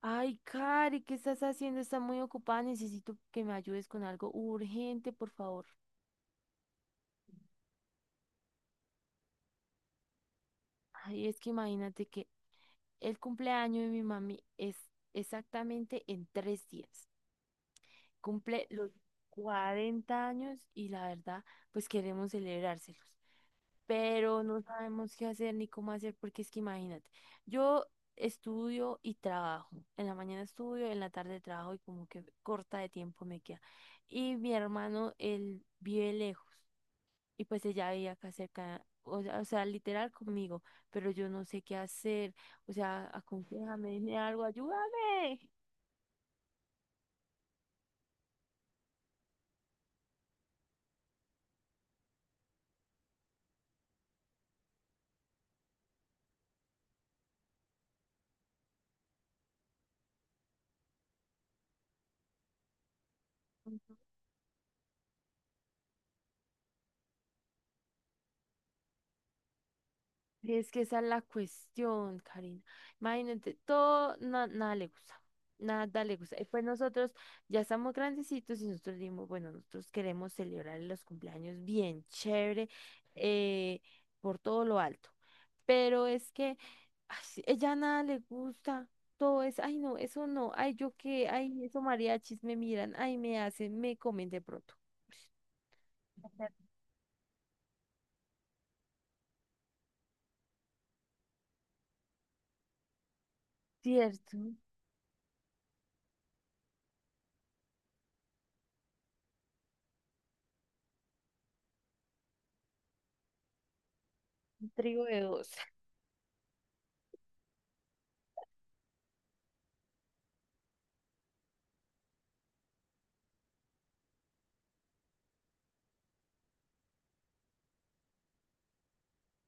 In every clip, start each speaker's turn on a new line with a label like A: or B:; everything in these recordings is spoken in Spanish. A: Ay, Cari, ¿qué estás haciendo? Está muy ocupada, necesito que me ayudes con algo urgente, por favor. Ay, es que imagínate que el cumpleaños de mi mami es exactamente en 3 días. Cumple los 40 años y la verdad, pues queremos celebrárselos, pero no sabemos qué hacer ni cómo hacer, porque es que imagínate, yo estudio y trabajo, en la mañana estudio, en la tarde trabajo y como que corta de tiempo me queda. Y mi hermano, él vive lejos y pues ella vive acá cerca, o sea, literal conmigo, pero yo no sé qué hacer, o sea, aconséjame, dime algo, ayúdame. Es que esa es la cuestión, Karina. Imagínate, todo, nada le gusta. Nada le gusta. Y pues nosotros ya estamos grandecitos y nosotros dimos, bueno, nosotros queremos celebrar los cumpleaños bien chévere, eh, por todo lo alto. Pero es que ay, sí, ella nada le gusta. Todo es, ay, no, eso no, ay, yo qué, ay, eso mariachis me miran, ay, me hacen, me comen de pronto. Cierto, un trigo de dos.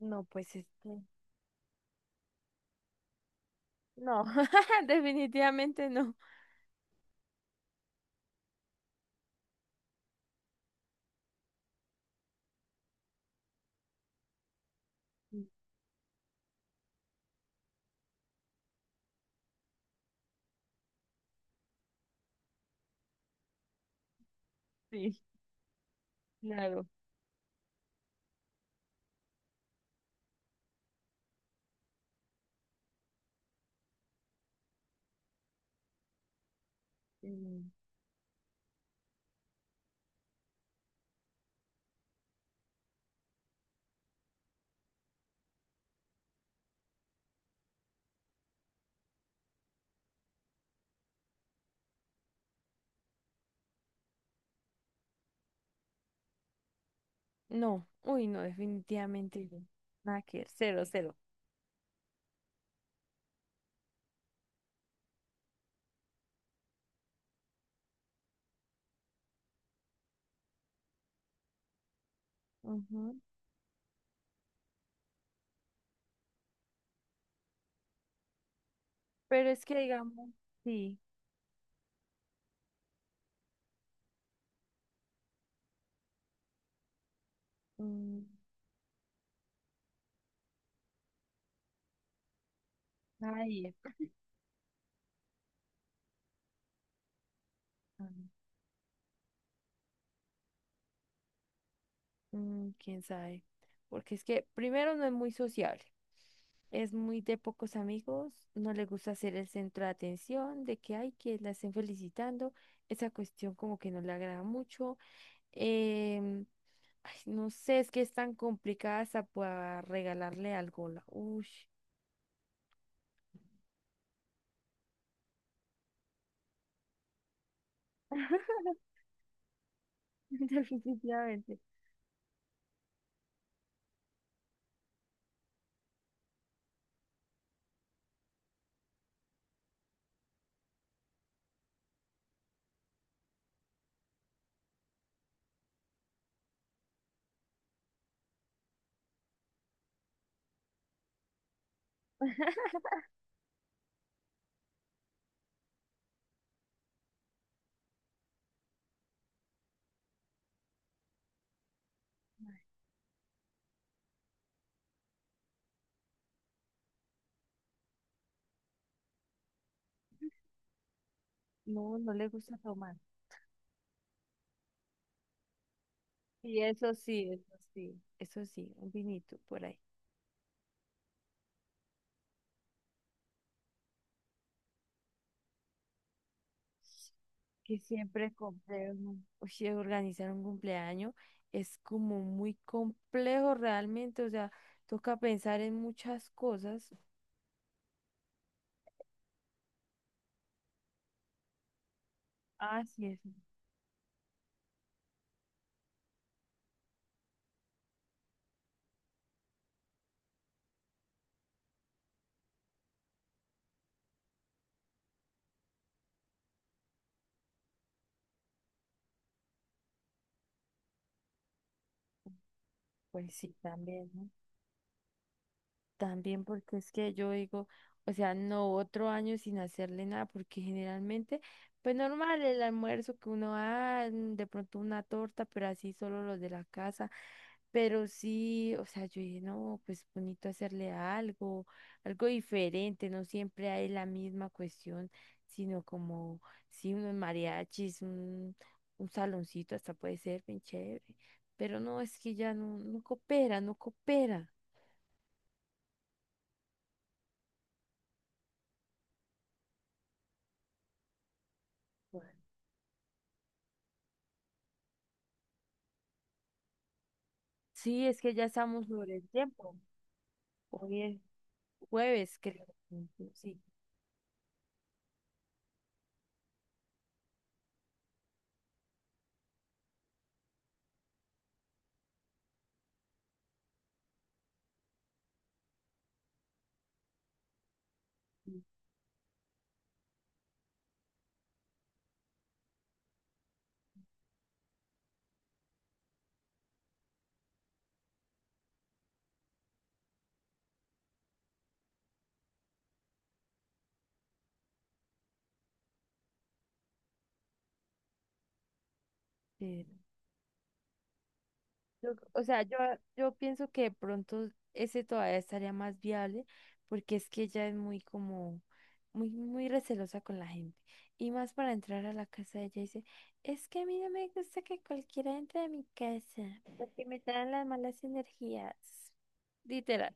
A: No, pues este. No, definitivamente no. Sí, claro. Mm. No, uy, no, definitivamente no. Nada que ver, cero, cero. Ujú. Pero es que digamos, sí. mm, Ay, mm, mm, quién sabe. Porque es que primero no es muy sociable, es muy de pocos amigos, no le gusta ser el centro de atención, de que hay que la estén felicitando, esa cuestión como que no le agrada mucho. em, Ay, no sé, es que es tan complicada hasta para regalarle algo. Uy. Definitivamente. No, no le gusta tomar. Y eso sí, eso sí. Eso sí, un vinito por ahí. Que siempre compré un- Uy, sí, organizar un cumpleaños es como muy complejo realmente, o sea, toca pensar en muchas cosas. Ah, sí, eso. Pues sí, también, ¿no? También porque es que yo digo, o sea, no otro año sin hacerle nada, porque generalmente, pues normal el almuerzo que uno da, de pronto una torta, pero así solo los de la casa. Pero sí, o sea, yo dije, no, pues bonito hacerle algo, algo diferente, no siempre hay la misma cuestión, sino como, sí, unos mariachis, un saloncito, hasta puede ser bien chévere. Pero no, es que ya no, no coopera. Sí, es que ya estamos sobre el tiempo. Hoy es jueves, creo. Sí. eh, yo- o sea, yo, yo pienso que de pronto ese todavía estaría más viable porque es que ella es muy como, muy recelosa con la gente. Y más para entrar a la casa de ella dice, es que a mí no me gusta que cualquiera entre a mi casa porque me traen las malas energías. Literal.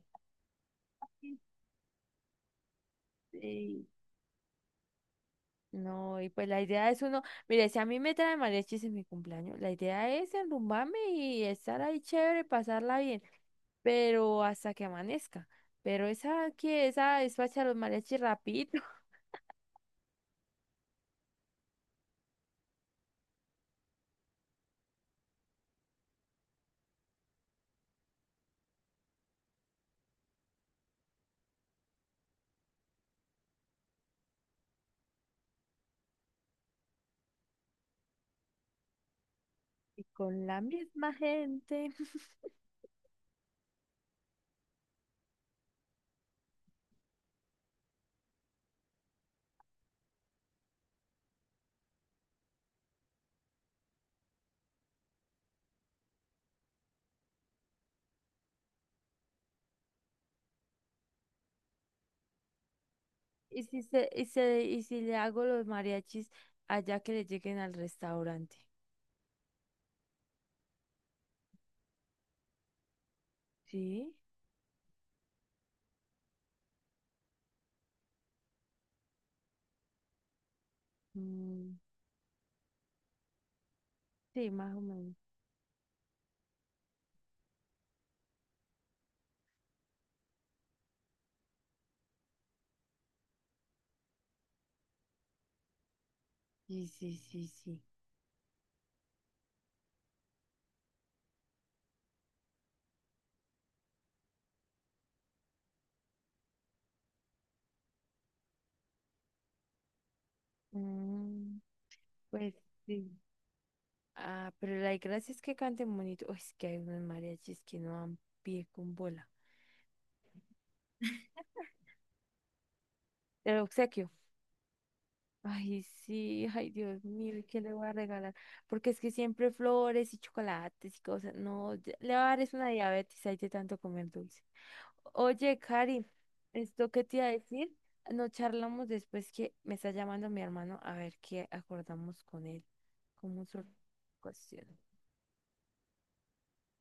A: Sí. No, y pues la idea es uno, mire, si a mí me trae mariachis en mi cumpleaños, la idea es enrumbarme y estar ahí chévere, pasarla bien, pero hasta que amanezca. Pero esa que esa despacha los mariachis rapidito. Y con la misma gente. Y si se, y se, y si le hago los mariachis allá que le lleguen al restaurante. ¿Sí? Mm, sí, más o menos. Sí, sí, sí, sí. Mm, pues sí. Ah, pero la gracia es que canten bonito. Uy, es que hay unos mariachis que no dan pie con bola. El obsequio. Ay, sí, ay, Dios mío, ¿y qué le voy a regalar? Porque es que siempre flores y chocolates y cosas. No, le va a dar es una diabetes ahí de tanto comer dulce. Oye, Cari, ¿esto qué te iba a decir? No charlamos después que me está llamando mi hermano a ver qué acordamos con él. Como su cuestión.